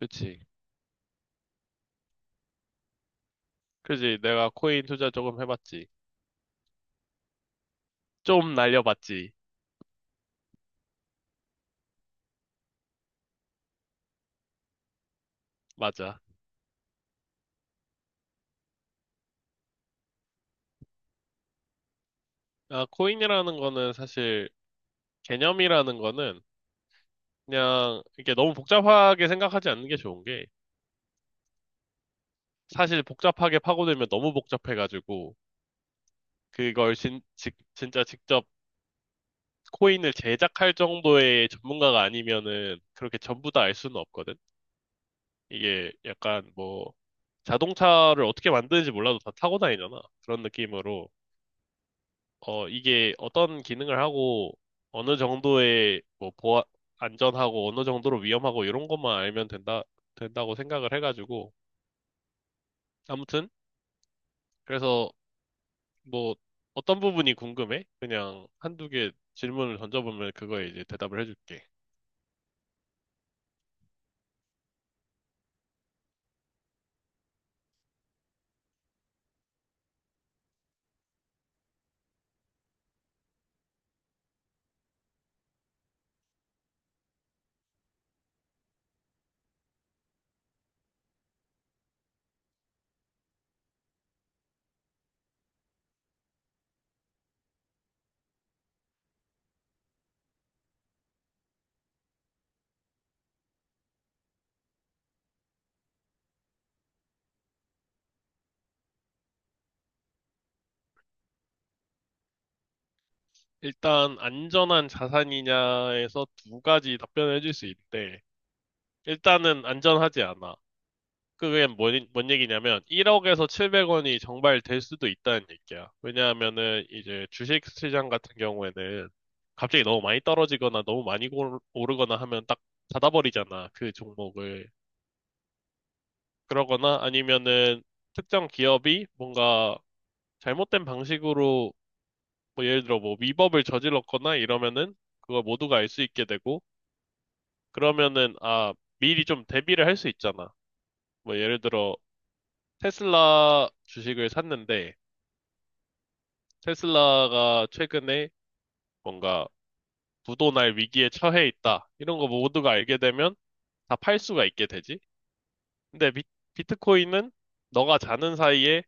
그치. 그지. 내가 코인 투자 조금 해봤지. 좀 날려봤지. 맞아. 아, 코인이라는 거는 사실 개념이라는 거는 그냥 이게 너무 복잡하게 생각하지 않는 게 좋은 게 사실 복잡하게 파고들면 너무 복잡해가지고 그걸 진짜 직접 코인을 제작할 정도의 전문가가 아니면은 그렇게 전부 다 알 수는 없거든. 이게 약간 뭐 자동차를 어떻게 만드는지 몰라도 다 타고 다니잖아. 그런 느낌으로 어, 이게 어떤 기능을 하고 어느 정도의 뭐 보안, 안전하고 어느 정도로 위험하고 이런 것만 알면 된다, 된다고 생각을 해가지고. 아무튼, 그래서 뭐 어떤 부분이 궁금해? 그냥 한두 개 질문을 던져보면 그거에 이제 대답을 해줄게. 일단 안전한 자산이냐에서 두 가지 답변을 해줄 수 있대. 일단은 안전하지 않아. 그게 뭔 얘기냐면 1억에서 700원이 정말 될 수도 있다는 얘기야. 왜냐하면은 이제 주식 시장 같은 경우에는 갑자기 너무 많이 떨어지거나 너무 많이 오르거나 하면 딱 닫아버리잖아. 그 종목을. 그러거나 아니면은 특정 기업이 뭔가 잘못된 방식으로 뭐 예를 들어 뭐 위법을 저질렀거나 이러면은 그걸 모두가 알 수 있게 되고 그러면은 아 미리 좀 대비를 할 수 있잖아. 뭐 예를 들어 테슬라 주식을 샀는데 테슬라가 최근에 뭔가 부도날 위기에 처해 있다. 이런 거 모두가 알게 되면 다 팔 수가 있게 되지. 근데 비, 트코인은 너가 자는 사이에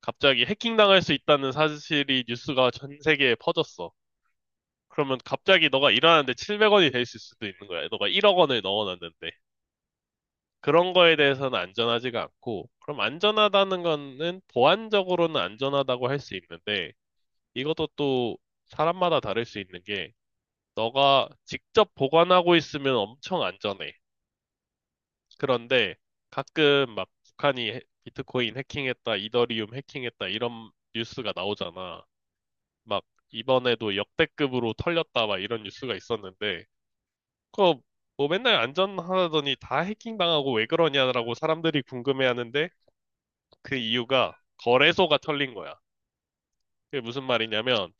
갑자기 해킹당할 수 있다는 사실이 뉴스가 전 세계에 퍼졌어. 그러면 갑자기 너가 일하는데 700원이 될 수도 있는 거야. 너가 1억 원을 넣어놨는데. 그런 거에 대해서는 안전하지가 않고, 그럼 안전하다는 거는 보안적으로는 안전하다고 할 수 있는데, 이것도 또 사람마다 다를 수 있는 게, 너가 직접 보관하고 있으면 엄청 안전해. 그런데 가끔 막 북한이 비트코인 해킹했다, 이더리움 해킹했다 이런 뉴스가 나오잖아. 막 이번에도 역대급으로 털렸다 막 이런 뉴스가 있었는데 그거 뭐 맨날 안전하다더니 다 해킹당하고 왜 그러냐라고 사람들이 궁금해하는데 그 이유가 거래소가 털린 거야. 그게 무슨 말이냐면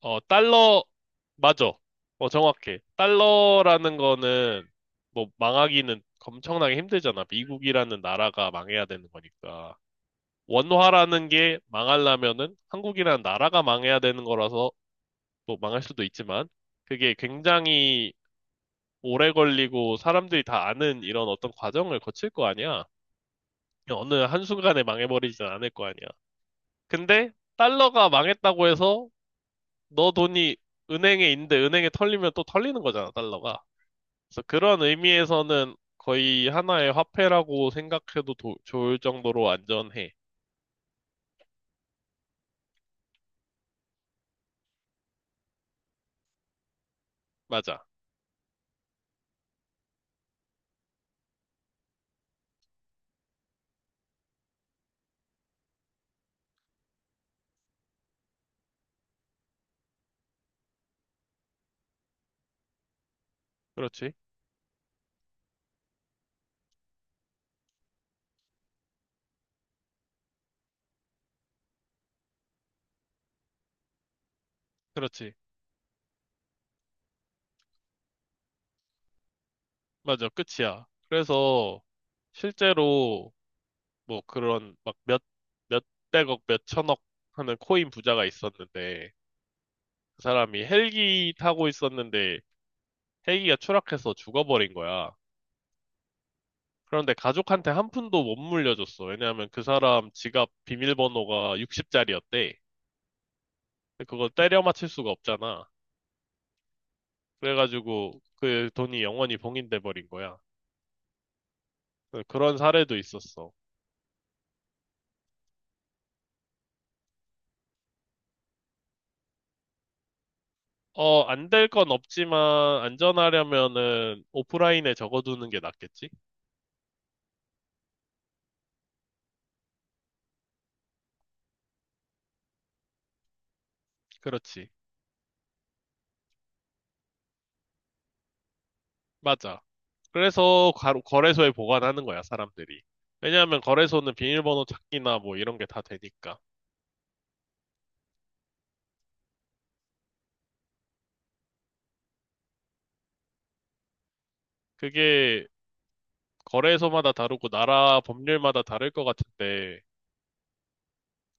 어, 달러, 맞아. 어, 정확해. 달러라는 거는, 뭐, 망하기는 엄청나게 힘들잖아. 미국이라는 나라가 망해야 되는 거니까. 원화라는 게 망하려면은 한국이라는 나라가 망해야 되는 거라서, 뭐, 망할 수도 있지만, 그게 굉장히 오래 걸리고 사람들이 다 아는 이런 어떤 과정을 거칠 거 아니야. 어느 한순간에 망해버리진 않을 거 아니야. 근데, 달러가 망했다고 해서 너 돈이 은행에 있는데 은행에 털리면 또 털리는 거잖아, 달러가. 그래서 그런 의미에서는 거의 하나의 화폐라고 생각해도 좋을 정도로 안전해. 맞아. 그렇지. 그렇지. 맞아. 끝이야. 그래서 실제로 뭐 그런 막 몇백억, 몇천억 하는 코인 부자가 있었는데 그 사람이 헬기 타고 있었는데 헬기가 추락해서 죽어버린 거야. 그런데 가족한테 한 푼도 못 물려줬어. 왜냐하면 그 사람 지갑 비밀번호가 60짜리였대. 그걸 때려 맞힐 수가 없잖아. 그래가지고 그 돈이 영원히 봉인돼 버린 거야. 그런 사례도 있었어. 어, 안 될 건 없지만 안전하려면은 오프라인에 적어두는 게 낫겠지? 그렇지. 맞아. 그래서 거래소에 보관하는 거야, 사람들이. 왜냐하면 거래소는 비밀번호 찾기나 뭐 이런 게 다 되니까. 그게 거래소마다 다르고 나라 법률마다 다를 것 같은데,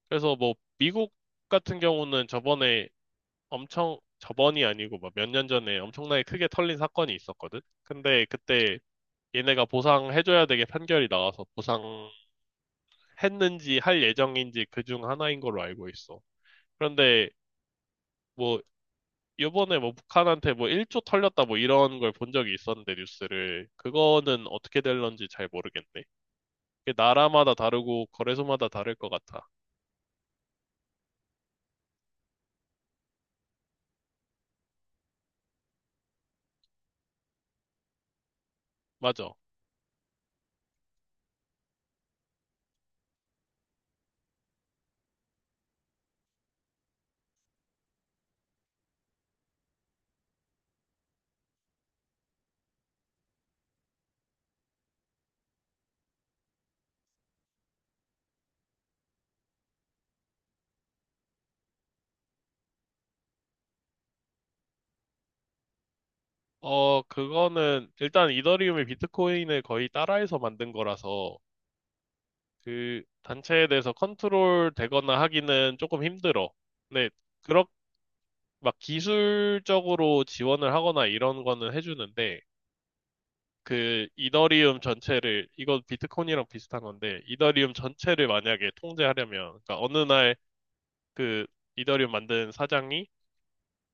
그래서 뭐 미국 같은 경우는 저번에 엄청, 저번이 아니고 막 몇 년 전에 엄청나게 크게 털린 사건이 있었거든? 근데 그때 얘네가 보상해줘야 되게 판결이 나와서 보상했는지 할 예정인지 그 중 하나인 걸로 알고 있어. 그런데 뭐 요번에 뭐 북한한테 뭐 1조 털렸다 뭐 이런 걸 본 적이 있었는데 뉴스를 그거는 어떻게 될런지 잘 모르겠네. 그게 나라마다 다르고 거래소마다 다를 것 같아. 맞아. 어, 그거는 일단 이더리움이 비트코인을 거의 따라해서 만든 거라서 그 단체에 대해서 컨트롤 되거나 하기는 조금 힘들어. 근데 그렇 막 기술적으로 지원을 하거나 이런 거는 해주는데 그 이더리움 전체를 이건 비트코인이랑 비슷한 건데 이더리움 전체를 만약에 통제하려면 그러니까 어느 날 그 이더리움 만든 사장이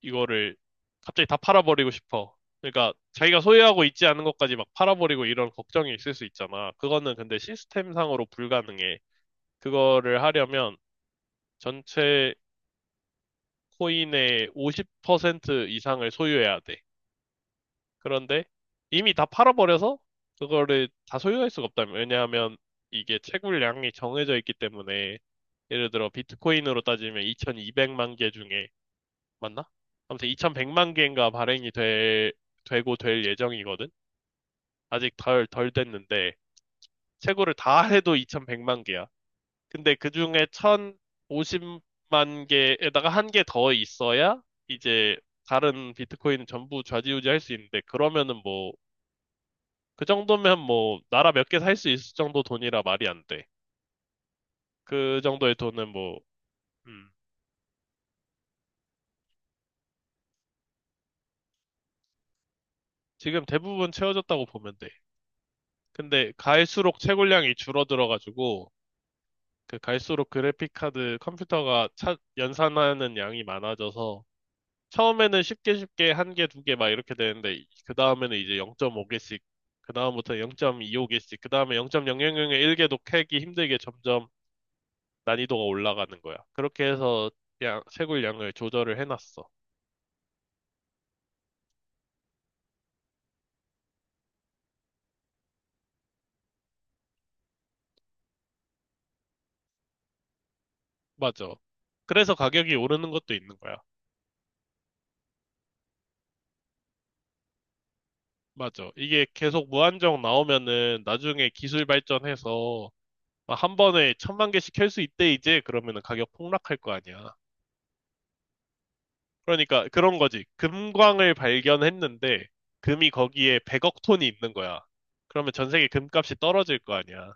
이거를 갑자기 다 팔아버리고 싶어. 그러니까 자기가 소유하고 있지 않은 것까지 막 팔아버리고 이런 걱정이 있을 수 있잖아. 그거는 근데 시스템상으로 불가능해. 그거를 하려면 전체 코인의 50% 이상을 소유해야 돼. 그런데 이미 다 팔아버려서 그거를 다 소유할 수가 없다면. 왜냐하면 이게 채굴량이 정해져 있기 때문에 예를 들어 비트코인으로 따지면 2200만 개 중에 맞나? 아무튼 2100만 개인가 발행이 될, 되고 될 예정이거든? 아직 덜 됐는데, 최고를 다 해도 2100만 개야. 근데 그 중에 1050만 개에다가 한 개 더 있어야 이제 다른 비트코인 전부 좌지우지 할 수 있는데, 그러면은 뭐, 그 정도면 뭐, 나라 몇 개 살 수 있을 정도 돈이라 말이 안 돼. 그 정도의 돈은 뭐, 음, 지금 대부분 채워졌다고 보면 돼. 근데 갈수록 채굴량이 줄어들어가지고, 그 갈수록 그래픽 카드 컴퓨터가 연산하는 양이 많아져서 처음에는 쉽게 쉽게 한 개, 두 개 막 이렇게 되는데 그 다음에는 이제 0.5개씩 그 다음부터 0.25개씩 그 다음에 0 0 0 0 1개도 캐기 힘들게 점점 난이도가 올라가는 거야. 그렇게 해서 양, 채굴 양을 조절을 해놨어. 맞아. 그래서 가격이 오르는 것도 있는 거야. 맞아. 이게 계속 무한정 나오면은 나중에 기술 발전해서 막한 번에 1000만 개씩 캘 수 있대, 이제. 그러면은 가격 폭락할 거 아니야. 그러니까 그런 거지. 금광을 발견했는데, 금이 거기에 100억 톤이 있는 거야. 그러면 전 세계 금값이 떨어질 거 아니야.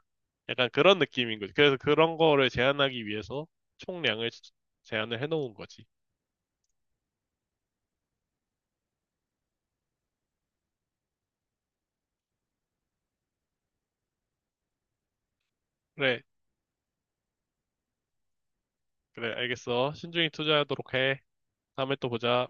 약간 그런 느낌인 거지. 그래서 그런 거를 제한하기 위해서 총량을 제한을 해놓은 거지. 그래, 그래, 알겠어. 신중히 투자하도록 해. 다음에 또 보자.